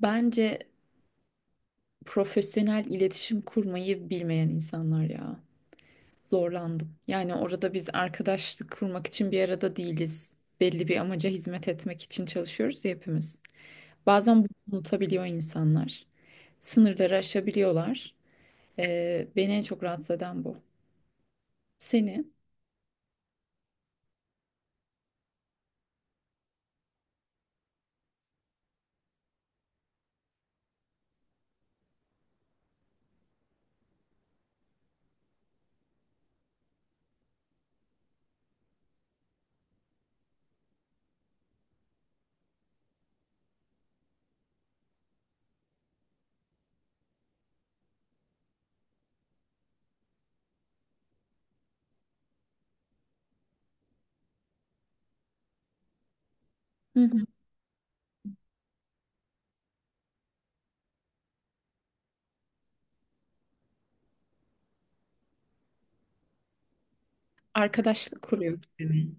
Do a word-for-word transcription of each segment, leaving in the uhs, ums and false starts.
Bence profesyonel iletişim kurmayı bilmeyen insanlar ya. Zorlandım. Yani orada biz arkadaşlık kurmak için bir arada değiliz. Belli bir amaca hizmet etmek için çalışıyoruz ya hepimiz. Bazen bunu unutabiliyor insanlar. Sınırları aşabiliyorlar. Ee, beni en çok rahatsız eden bu. Seni hı hı. Arkadaşlık kuruyor gibi mi?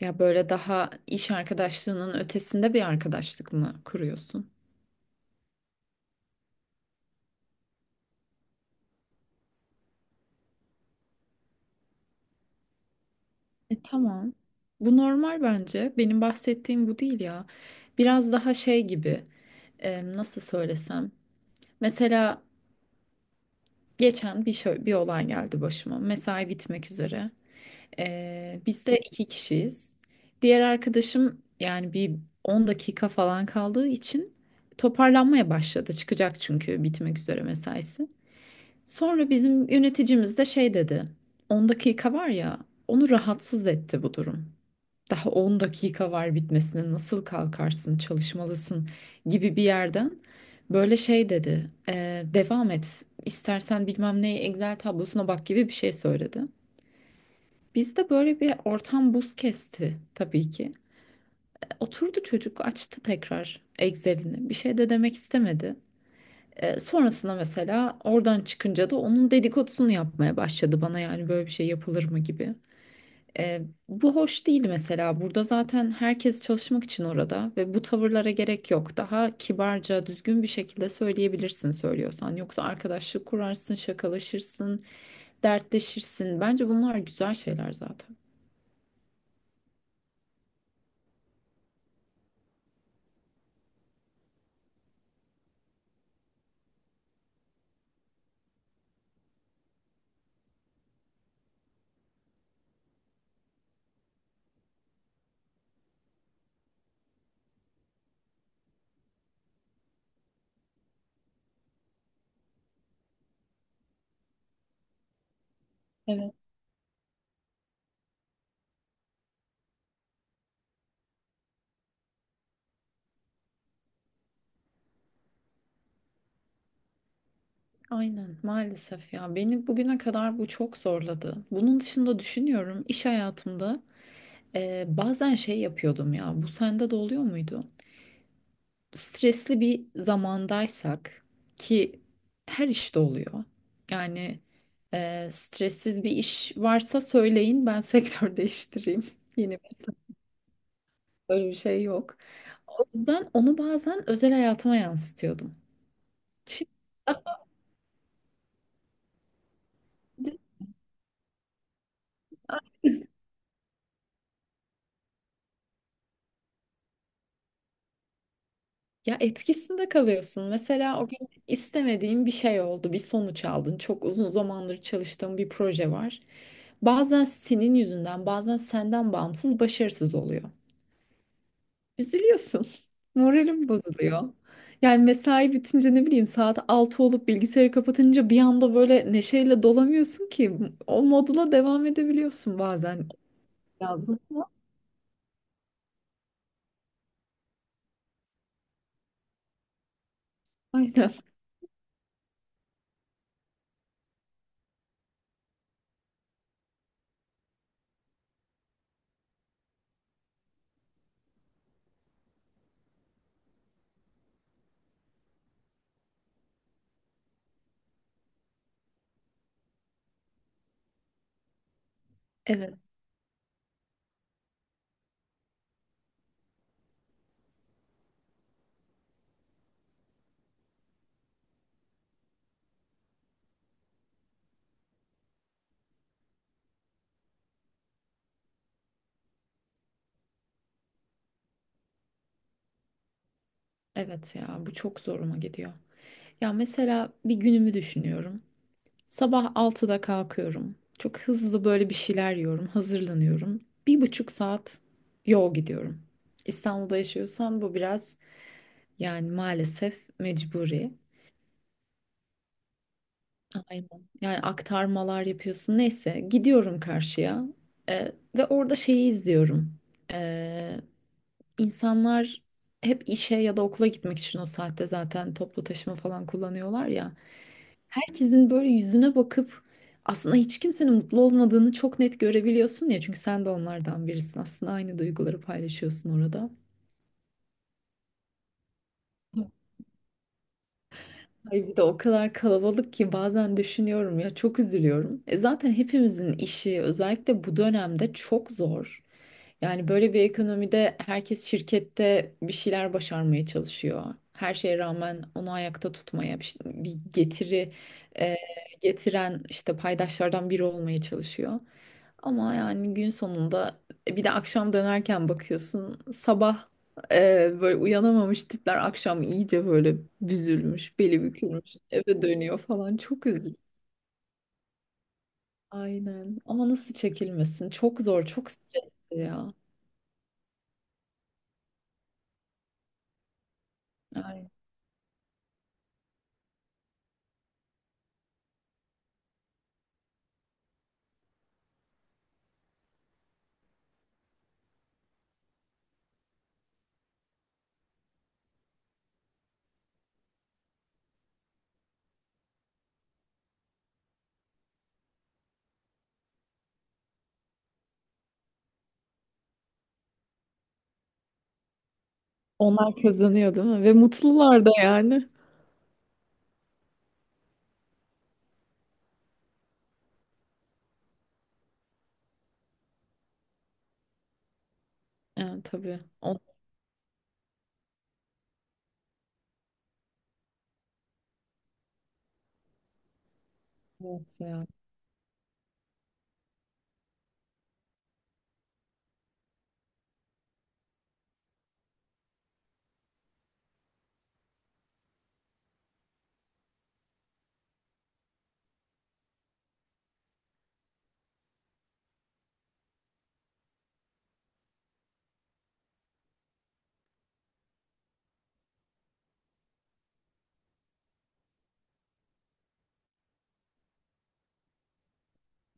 Ya böyle daha iş arkadaşlığının ötesinde bir arkadaşlık mı kuruyorsun? E, tamam. Bu normal bence. Benim bahsettiğim bu değil ya. Biraz daha şey gibi. E, nasıl söylesem. Mesela geçen bir şö- bir olay geldi başıma. Mesai bitmek üzere. E, biz de iki kişiyiz. Diğer arkadaşım yani bir on dakika falan kaldığı için toparlanmaya başladı. Çıkacak çünkü bitmek üzere mesaisi. Sonra bizim yöneticimiz de şey dedi. On dakika var ya. Onu rahatsız etti bu durum. Daha on dakika var bitmesine, nasıl kalkarsın, çalışmalısın gibi bir yerden böyle şey dedi. "Ee, devam et. İstersen bilmem ne Excel tablosuna bak" gibi bir şey söyledi. Bizde böyle bir ortam buz kesti tabii ki. Oturdu çocuk, açtı tekrar Excel'ini. Bir şey de demek istemedi. Ee, sonrasında mesela oradan çıkınca da onun dedikodusunu yapmaya başladı bana, yani böyle bir şey yapılır mı gibi. E, Bu hoş değil mesela. Burada zaten herkes çalışmak için orada ve bu tavırlara gerek yok. Daha kibarca, düzgün bir şekilde söyleyebilirsin söylüyorsan. Yoksa arkadaşlık kurarsın, şakalaşırsın, dertleşirsin. Bence bunlar güzel şeyler zaten. Evet. Aynen maalesef ya, beni bugüne kadar bu çok zorladı. Bunun dışında düşünüyorum iş hayatımda e, bazen şey yapıyordum ya, bu sende de oluyor muydu? Stresli bir zamandaysak ki her işte oluyor. Yani e, stressiz bir iş varsa söyleyin ben sektör değiştireyim. Yeni meslek böyle bir şey yok. O yüzden onu bazen özel hayatıma yansıtıyordum. Şimdi ya etkisinde kalıyorsun. Mesela o gün istemediğin bir şey oldu, bir sonuç aldın. Çok uzun zamandır çalıştığın bir proje var. Bazen senin yüzünden, bazen senden bağımsız başarısız oluyor. Üzülüyorsun. Moralim bozuluyor. Yani mesai bitince, ne bileyim, saat altı olup bilgisayarı kapatınca bir anda böyle neşeyle dolamıyorsun ki, o modula devam edebiliyorsun bazen. Lazım. Ama- aynen. Evet, evet ya, bu çok zoruma gidiyor. Ya mesela bir günümü düşünüyorum. Sabah altıda kalkıyorum. Çok hızlı böyle bir şeyler yiyorum, hazırlanıyorum. Bir buçuk saat yol gidiyorum. İstanbul'da yaşıyorsan bu biraz, yani maalesef mecburi. Aynen. Yani aktarmalar yapıyorsun. Neyse, gidiyorum karşıya. Ee, Ve orada şeyi izliyorum. Ee, insanlar hep işe ya da okula gitmek için o saatte zaten toplu taşıma falan kullanıyorlar ya. Herkesin böyle yüzüne bakıp aslında hiç kimsenin mutlu olmadığını çok net görebiliyorsun ya. Çünkü sen de onlardan birisin. Aslında aynı duyguları paylaşıyorsun orada. Ay bir de o kadar kalabalık ki, bazen düşünüyorum ya, çok üzülüyorum. E zaten hepimizin işi özellikle bu dönemde çok zor. Yani böyle bir ekonomide herkes şirkette bir şeyler başarmaya çalışıyor. Her şeye rağmen onu ayakta tutmaya, bir, bir getiri e, getiren işte paydaşlardan biri olmaya çalışıyor. Ama yani gün sonunda e, bir de akşam dönerken bakıyorsun, sabah ee, böyle uyanamamış tipler akşam iyice böyle büzülmüş, beli bükülmüş, eve dönüyor falan. Çok üzücü. Aynen. Ama nasıl çekilmesin? Çok zor, çok stresli ya. Aynen. Onlar kazanıyor, değil mi? Ve mutlular da yani. Evet tabii. On- evet ya.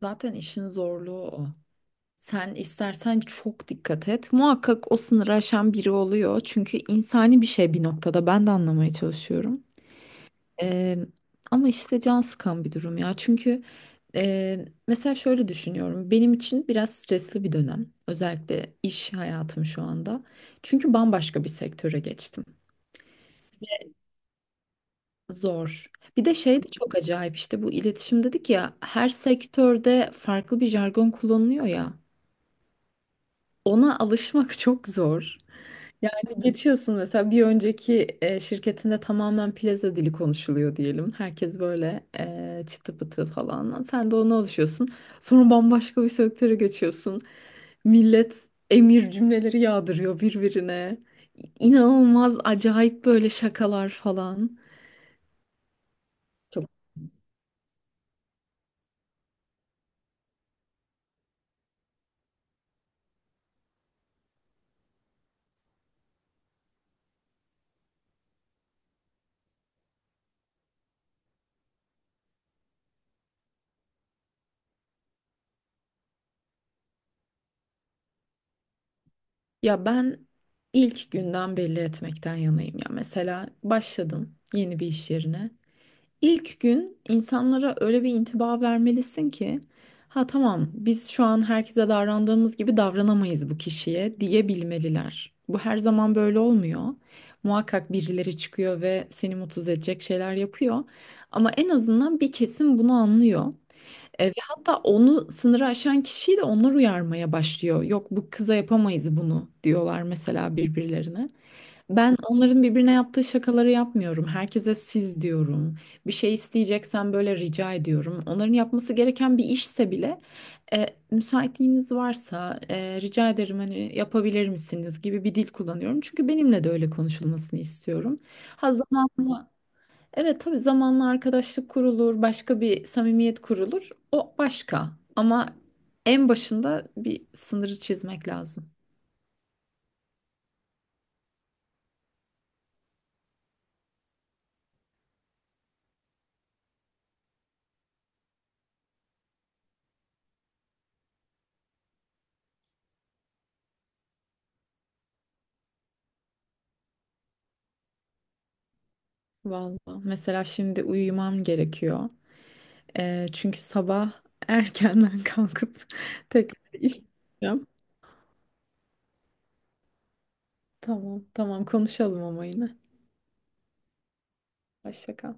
Zaten işin zorluğu o. Sen istersen çok dikkat et, muhakkak o sınırı aşan biri oluyor. Çünkü insani bir şey bir noktada. Ben de anlamaya çalışıyorum. Eee, Ama işte can sıkan bir durum ya. Çünkü eee, mesela şöyle düşünüyorum. Benim için biraz stresli bir dönem. Özellikle iş hayatım şu anda. Çünkü bambaşka bir sektöre geçtim. Zor. Bir de şey de çok acayip, işte bu iletişim dedik ya, her sektörde farklı bir jargon kullanılıyor ya. Ona alışmak çok zor. Yani geçiyorsun mesela, bir önceki e, şirketinde tamamen plaza dili konuşuluyor diyelim. Herkes böyle e, çıtı pıtı falan. Sen de ona alışıyorsun. Sonra bambaşka bir sektöre geçiyorsun. Millet emir cümleleri yağdırıyor birbirine. İnanılmaz acayip böyle şakalar falan. Çok. Ya ben ilk günden belli etmekten yanayım ya. Mesela başladın yeni bir iş yerine. İlk gün insanlara öyle bir intiba vermelisin ki, ha tamam, biz şu an herkese davrandığımız gibi davranamayız bu kişiye diyebilmeliler. Bu her zaman böyle olmuyor. Muhakkak birileri çıkıyor ve seni mutsuz edecek şeyler yapıyor. Ama en azından bir kesim bunu anlıyor. E, ve hatta onu, sınırı aşan kişiyi de onlar uyarmaya başlıyor. Yok bu kıza yapamayız bunu diyorlar mesela birbirlerine. Ben onların birbirine yaptığı şakaları yapmıyorum. Herkese siz diyorum. Bir şey isteyeceksen böyle rica ediyorum. Onların yapması gereken bir işse bile e, müsaitliğiniz varsa, e, rica ederim, hani yapabilir misiniz gibi bir dil kullanıyorum. Çünkü benimle de öyle konuşulmasını istiyorum. Ha zamanla, evet tabii, zamanla arkadaşlık kurulur, başka bir samimiyet kurulur. O başka. Ama en başında bir sınırı çizmek lazım. Vallahi mesela şimdi uyumam gerekiyor. Ee, çünkü sabah erkenden kalkıp tekrar iş yapacağım. Tamam, tamam, konuşalım ama yine. Hoşça kal.